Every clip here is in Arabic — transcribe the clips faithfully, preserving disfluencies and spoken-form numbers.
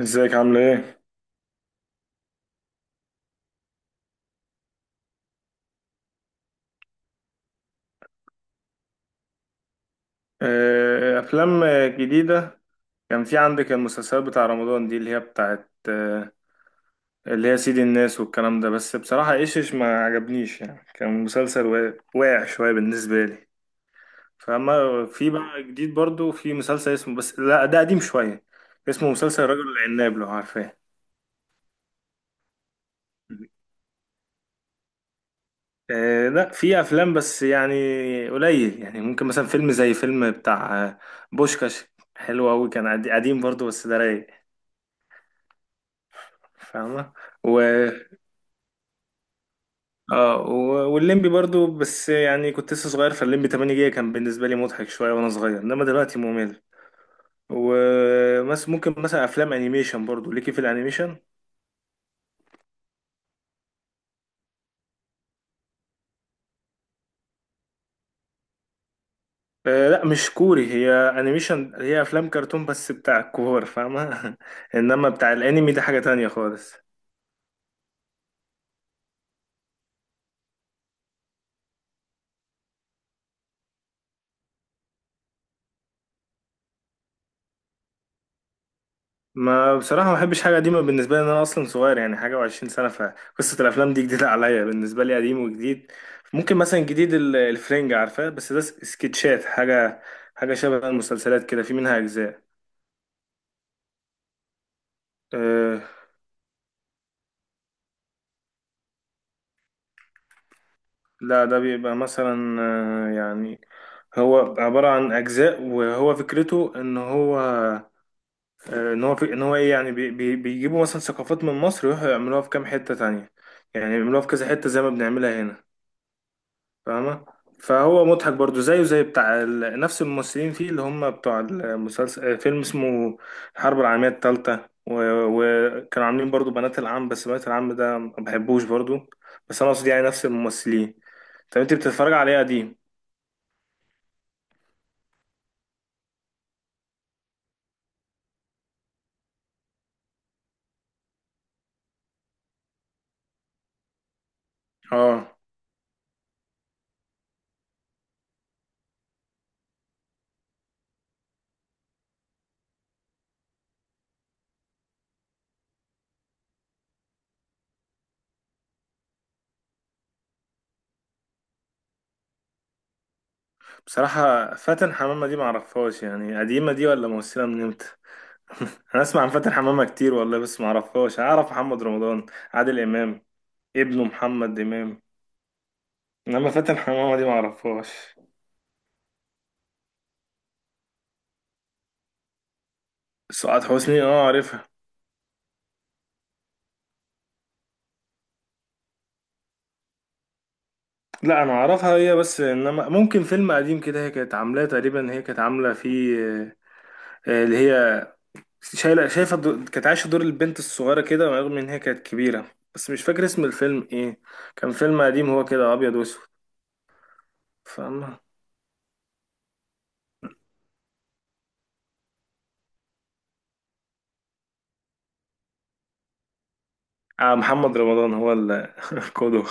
ازيك عاملة ايه؟ آه، أفلام، آه، جديدة. كان في عندك المسلسلات بتاع رمضان دي اللي هي بتاعت آه، اللي هي سيد الناس والكلام ده، بس بصراحة ايش ايش ما عجبنيش، يعني كان مسلسل وا- واقع شوية بالنسبة لي. فأما في بقى جديد برضو في مسلسل اسمه، بس لا، ده قديم شوية، اسمه مسلسل الرجل العناب، لو عارفاه. آه، لا، في أفلام بس يعني قليل، يعني ممكن مثلا فيلم زي فيلم بتاع آه، بوشكاش، حلو أوي، كان قدي- قديم برضو، بس ده رايق، فاهمة؟ و اه و- والليمبي برضو، بس يعني كنت لسه صغير، فالليمبي تمانية جيجا كان بالنسبة لي مضحك شوية وانا صغير، انما دلوقتي ممل. ومس ممكن مثلا افلام انيميشن، برضو ليكي في الانيميشن؟ آه، لا، مش كوري هي، انيميشن هي افلام كرتون بس بتاع الكور، فاهمة؟ انما بتاع الانمي ده حاجة تانية خالص. ما بصراحة ما بحبش حاجة قديمة، بالنسبة لي إن أنا أصلا صغير يعني، حاجة وعشرين سنة، فقصة الأفلام دي جديدة عليا، بالنسبة لي قديم وجديد. ممكن مثلا جديد ال- الفرنجة، عارفاه؟ بس ده س- سكتشات، حاجة حاجة شبه المسلسلات كده، في منها أجزاء. أه لا، ده بيبقى مثلا آه، يعني هو عبارة عن أجزاء، وهو فكرته إن هو آه، إن هو في، إن هو إيه يعني، بي بي بيجيبوا مثلا ثقافات من مصر ويروحوا يعملوها في كام حتة تانية، يعني يعملوها في كذا حتة زي ما بنعملها هنا، فاهمة؟ فهو مضحك برضو، زيه زي بتاع ال... نفس الممثلين فيه اللي هم بتوع المسلسل، فيلم اسمه الحرب العالمية التالتة، و... وكانوا عاملين برضو بنات العم، بس بنات العم ده ما بحبوش برضو، بس انا قصدي يعني نفس الممثلين. طب انت بتتفرج على ايه قديم؟ اه، بصراحة فاتن حمامة دي معرفهاش، يعني قديمة دي، ولا ممثلة من امتى؟ انا اسمع عن فاتن حمامة كتير والله، بس معرفهاش، اعرف محمد رمضان، عادل امام، ابنه محمد امام، انما فاتن حمامة دي معرفهاش. سعاد حسني اه عارفها. لا، انا اعرفها هي بس، انما ممكن فيلم قديم كده هي كانت عاملاه تقريبا، هي كانت عامله فيه آه، اللي هي شايله شايفه دو- كانت عايشه دور البنت الصغيره كده، رغم ان هي كانت كبيره، بس مش فاكر اسم الفيلم ايه، كان فيلم قديم هو كده ابيض واسود، فاهمه؟ آه، محمد رمضان هو ال- القدوة.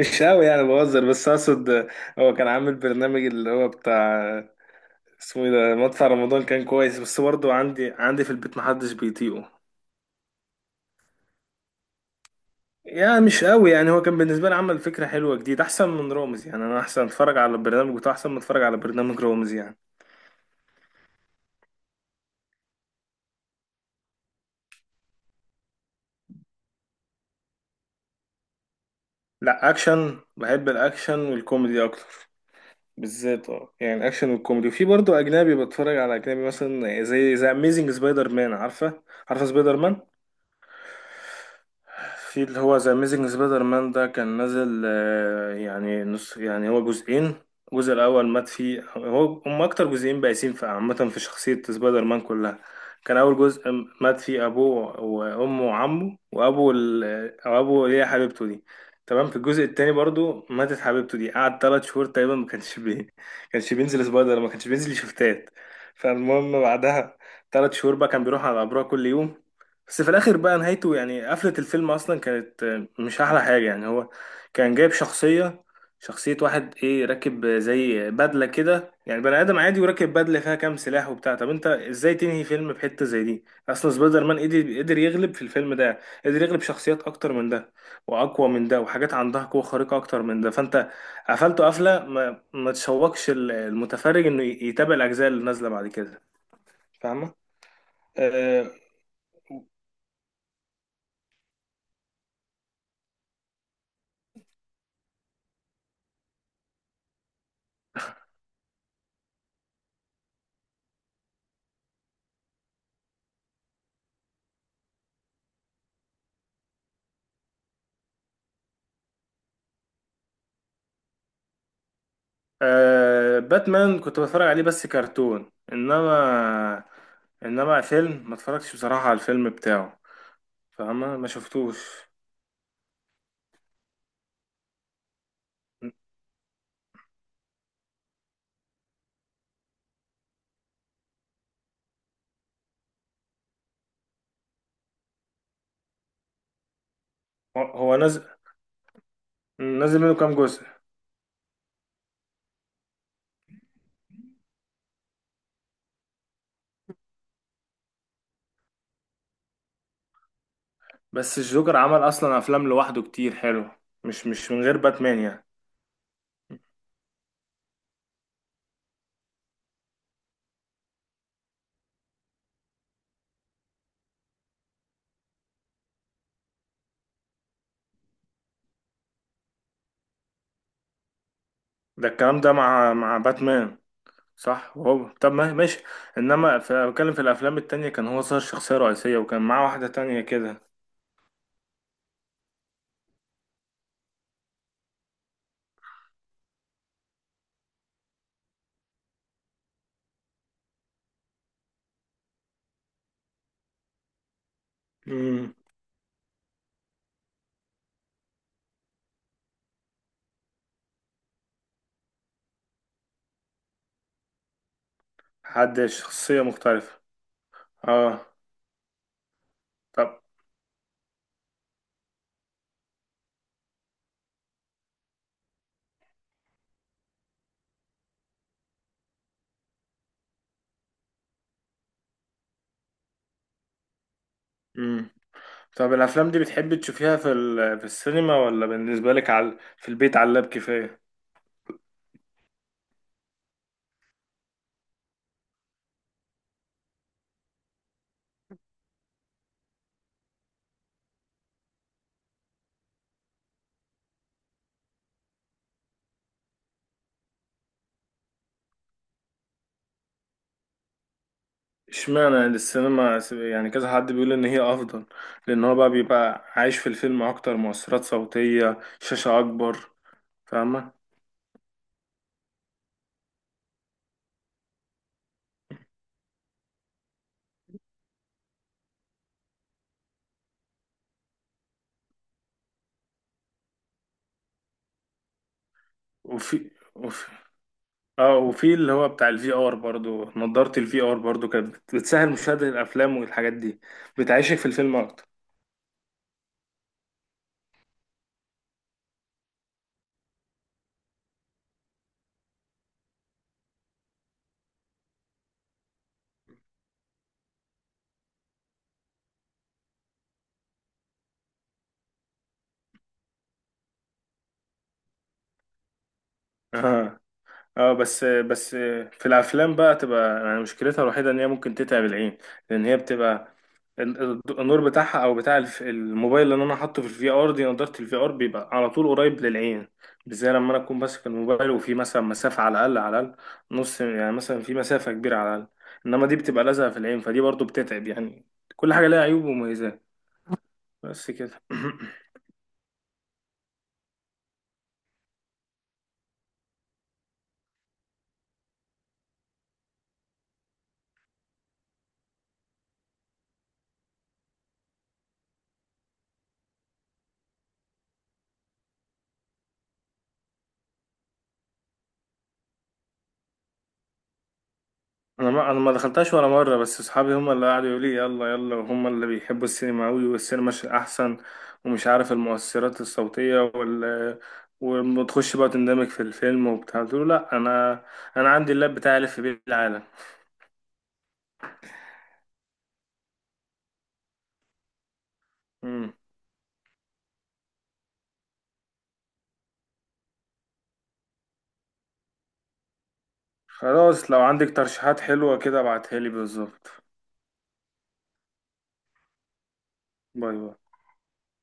مش قوي يعني، بهزر، بس اقصد آه، هو كان عامل برنامج اللي هو بتاع آه، اسمه ايه ده، مدفع رمضان، كان كويس، بس برضه عندي عندي في البيت محدش بيطيقه، يعني مش قوي يعني. هو كان بالنسبة لي عمل فكرة حلوة جديد، أحسن من رامز يعني، أنا أحسن أتفرج على البرنامج بتاعه أحسن ما أتفرج على برنامج رامز يعني. لا، أكشن، بحب الأكشن والكوميدي أكتر، بالذات اه يعني الأكشن والكوميدي، وفي برضه أجنبي، بتفرج على أجنبي مثلا زي زي أميزنج سبايدر مان، عارفة؟ عارفة سبايدر مان؟ في اللي هو ذا اميزنج سبايدر مان ده كان نازل آه، يعني نص، يعني هو جزئين. الجزء الاول مات فيه هو، هم اكتر جزئين بائسين في عامه في شخصيه سبايدر مان كلها. كان اول جزء م- مات فيه ابوه وامه وعمه وابو ال... او ابو اللي هي حبيبته دي. تمام، في الجزء التاني برضو ماتت حبيبته دي، قعد ثلاث شهور تقريبا ما كانش بي... ما كانش بينزل سبايدر ما كانش بينزل شفتات، فالمهم بعدها ثلاث شهور بقى كان بيروح على قبرها كل يوم. بس في الاخر بقى نهايته، يعني قفلة الفيلم اصلا كانت آه، مش احلى حاجة يعني. هو كان جايب شخصية شخصية واحد ايه راكب زي بدلة كده، يعني بني ادم عادي وراكب بدلة فيها كام سلاح وبتاع. طب انت ازاي تنهي فيلم بحتة زي دي؟ اصلا سبايدر مان قدر قدر يغلب في الفيلم ده، قدر يغلب شخصيات اكتر من ده واقوى من ده، وحاجات عندها قوة خارقة اكتر من ده، فانت قفلته قفلة ما, ما تشوقش ال- المتفرج انه ي- يتابع الاجزاء اللي نازلة بعد كده، فاهمة؟ آه، آه، باتمان كنت بتفرج عليه بس كرتون، انما انما فيلم ما اتفرجتش بصراحة على الفيلم بتاعه، فاهمة؟ ما شفتوش. هو هو نازل نازل منه كام جزء؟ بس الجوكر عمل اصلا افلام لوحده كتير حلو، مش مش من غير باتمان يعني. ده الكلام ده مع مع باتمان، صح. وهو طب ما ماشي، انما ف- بتكلم في الافلام التانية كان هو صار شخصية رئيسية، وكان معاه واحدة تانية كده. امم. حد شخصية مختلفة. اه، طب طب الافلام دي بتحبي تشوفيها في ال- في السينما، ولا بالنسبه لك على في البيت على اللاب كفايه؟ اشمعنى يعني السينما س- يعني كذا حد بيقول ان هي افضل، لان هو بقى بيبقى عايش في الفيلم اكتر، مؤثرات صوتيه، شاشه اكبر، فاهمه؟ وفي وفي اه وفي اللي هو بتاع الفي ار برضو، نضاره الفي ار برضو كانت بت- بتسهل مشاهده الافلام والحاجات دي، بتعيشك في الفيلم اكتر. اه، اه، بس بس، في الافلام بقى تبقى يعني مشكلتها الوحيده ان هي ممكن تتعب العين، لان هي بتبقى ال- النور بتاعها او بتاع الف- الموبايل اللي انا حاطه في الفي ار دي، نضاره الفي ار بيبقى على طول قريب للعين، بالذات لما انا اكون ماسك الموبايل وفي مثلا مسافه، على الاقل على الاقل نص، يعني مثلا في مسافه كبيره على الاقل، انما دي بتبقى لازقه في العين، فدي برضو بتتعب يعني، كل حاجه لها عيوب ومميزات، بس كده. انا ما انا ما دخلتهاش ولا مره، بس اصحابي هم اللي قعدوا يقولوا لي يلا يلا، وهم اللي بيحبوا السينما قوي، والسينما ش- احسن، ومش عارف المؤثرات الصوتيه وال وتخش بقى تندمج في الفيلم وبتاع، قلت له لا، انا انا عندي اللاب بتاعي الف بيه العالم. مم. خلاص، لو عندك ترشيحات حلوه كده ابعتها لي بالظبط. باي باي.